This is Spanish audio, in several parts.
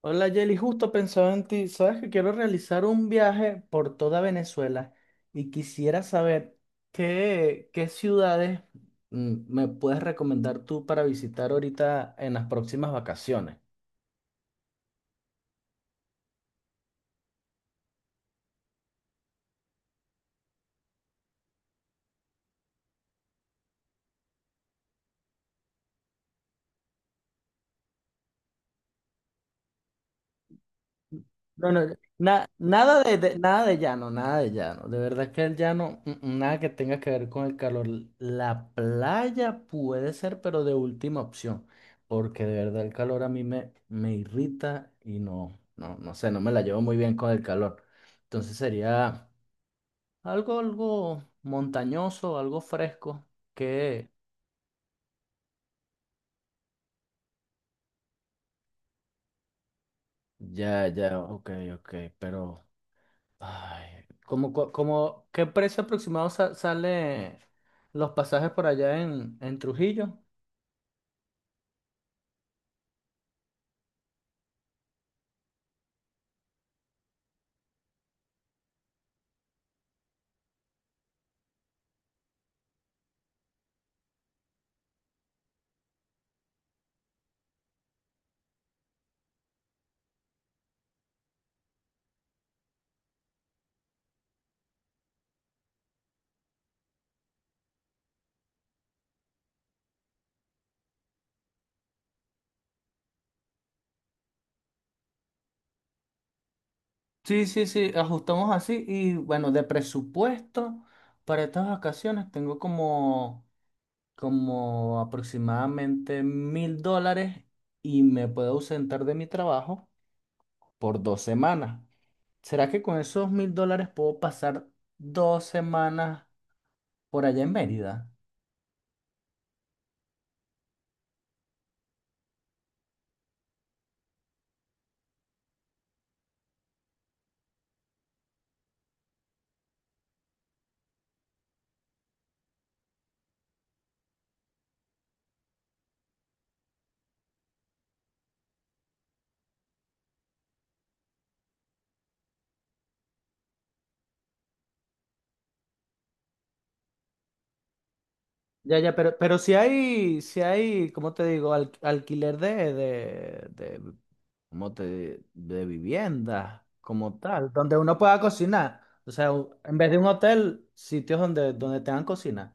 Hola Jelly, justo pensaba en ti. Sabes que quiero realizar un viaje por toda Venezuela y quisiera saber qué ciudades me puedes recomendar tú para visitar ahorita en las próximas vacaciones. No, no, nada nada de llano, nada de llano. De verdad que el llano, nada que tenga que ver con el calor. La playa puede ser, pero de última opción, porque de verdad el calor a mí me irrita y no, no, no sé, no me la llevo muy bien con el calor. Entonces sería algo montañoso, algo fresco, que ya, ya, ok, ok, pero ay, ¿ qué precio aproximado sale los pasajes por allá en Trujillo? Sí, sí, sí, ajustamos así y bueno, de presupuesto para estas vacaciones tengo como aproximadamente 1000 dólares y me puedo ausentar de mi trabajo por 2 semanas. ¿Será que con esos 1000 dólares puedo pasar 2 semanas por allá en Mérida? Ya, ya, pero si hay, ¿cómo te digo? Alquiler, ¿cómo te, de vivienda, como tal, donde uno pueda cocinar. O sea, en vez de un hotel, sitios donde tengan cocina.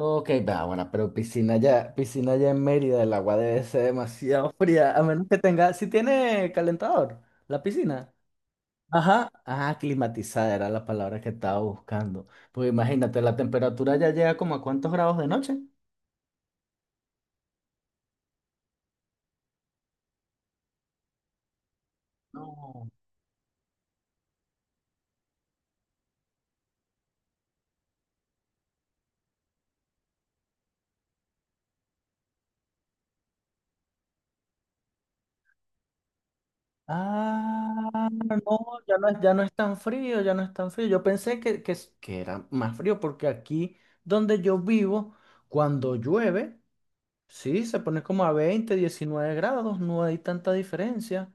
Ok, va, bueno, pero piscina ya en Mérida, el agua debe ser demasiado fría, a menos que tenga, si tiene calentador, la piscina. Ajá, ajá, climatizada era la palabra que estaba buscando. Pues imagínate, la temperatura ya llega como a cuántos grados de noche. No. Ah, no, ya no es tan frío, ya no es tan frío. Yo pensé que era más frío porque aquí donde yo vivo, cuando llueve, sí, se pone como a 20, 19 grados, no hay tanta diferencia.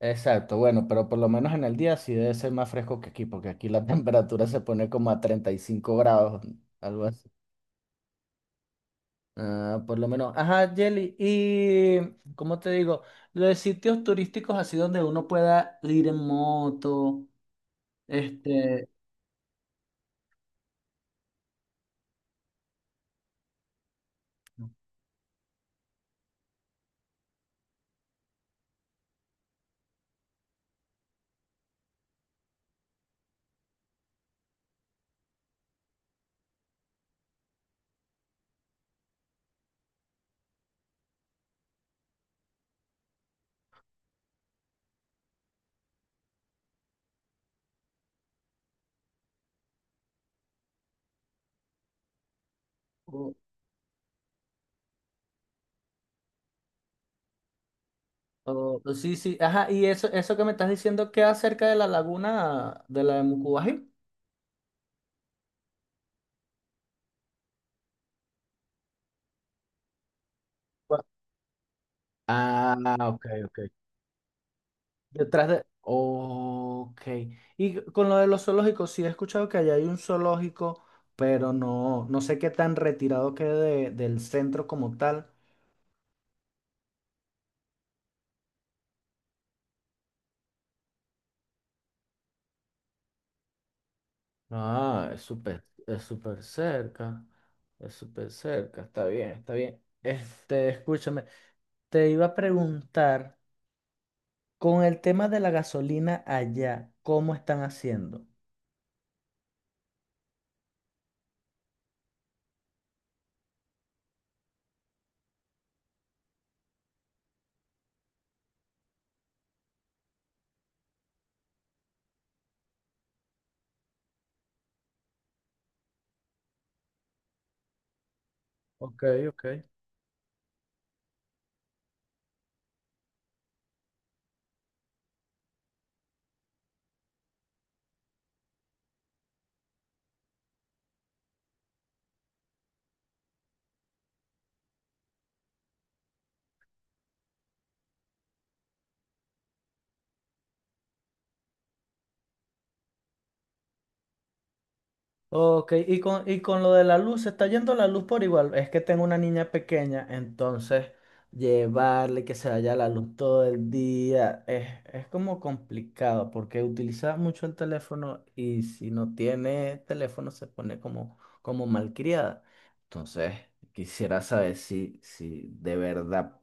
Exacto, bueno, pero por lo menos en el día sí debe ser más fresco que aquí, porque aquí la temperatura se pone como a 35 grados, algo así. Ah, por lo menos. Ajá, Jelly. Y, ¿cómo te digo? Los de sitios turísticos así donde uno pueda ir en moto, este, o, sí, sí, ajá, y eso que me estás diciendo queda cerca de la laguna de la de Mucubají. Bueno. Ah, ok, ok. Detrás de, ok. Y con lo de los zoológicos, sí he escuchado que allá hay un zoológico, pero no, no sé qué tan retirado quede del centro como tal. Ah, es súper cerca. Es súper cerca. Está bien, está bien. Este, escúchame. Te iba a preguntar, con el tema de la gasolina allá, ¿cómo están haciendo? Ok, ok. Ok, y con, y con, lo de la luz, se está yendo la luz por igual. Es que tengo una niña pequeña, entonces llevarle que se vaya la luz todo el día es como complicado porque utiliza mucho el teléfono y si no tiene teléfono se pone como malcriada. Entonces, quisiera saber si de verdad.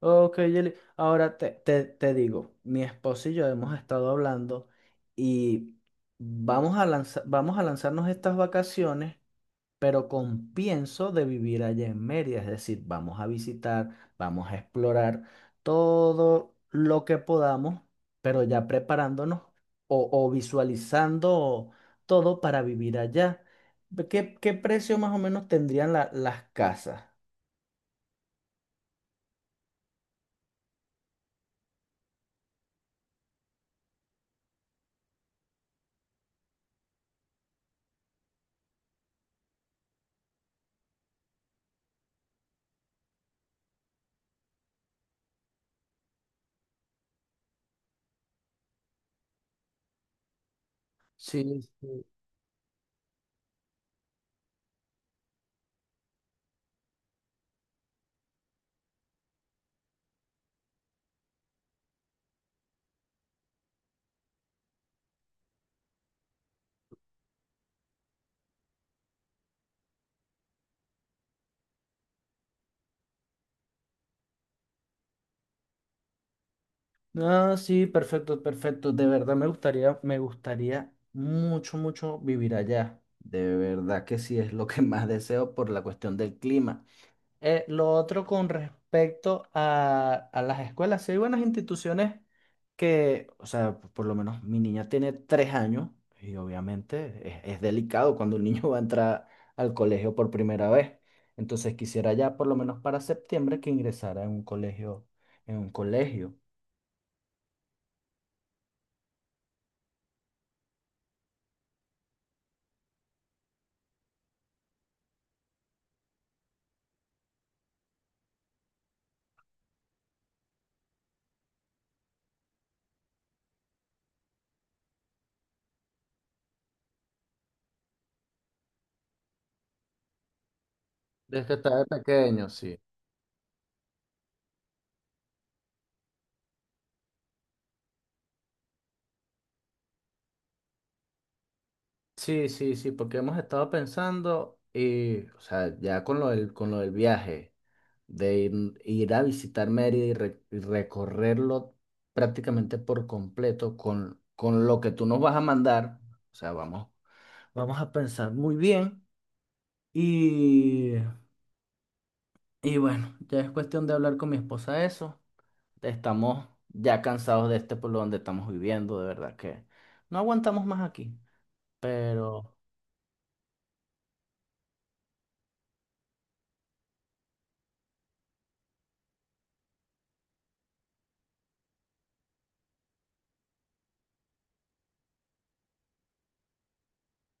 Ok, Yeli. Ahora te digo, mi esposo y yo hemos estado hablando y vamos a lanzarnos estas vacaciones, pero con pienso de vivir allá en Mérida, es decir, vamos a visitar, vamos a explorar todo lo que podamos, pero ya preparándonos o visualizando todo para vivir allá. ¿Qué precio más o menos tendrían las casas? Sí, sí. Ah, sí, perfecto, perfecto. De verdad me gustaría mucho, mucho vivir allá. De verdad que sí es lo que más deseo por la cuestión del clima. Lo otro con respecto a las escuelas, sí hay buenas instituciones que, o sea, por lo menos mi niña tiene 3 años y obviamente es delicado cuando un niño va a entrar al colegio por primera vez. Entonces quisiera ya por lo menos para septiembre que ingresara en un colegio, en un colegio. Desde que estaba pequeño, sí. Sí, sí, sí, porque hemos estado pensando y, o sea, ya con lo del viaje, de ir a visitar Mérida y, y recorrerlo prácticamente por completo con lo que tú nos vas a mandar. O sea, vamos a pensar muy bien y, y bueno, ya es cuestión de hablar con mi esposa eso. Estamos ya cansados de este pueblo donde estamos viviendo, de verdad que no aguantamos más aquí, pero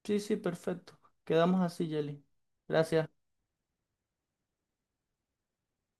sí, sí, perfecto. Quedamos así, Jelly. Gracias.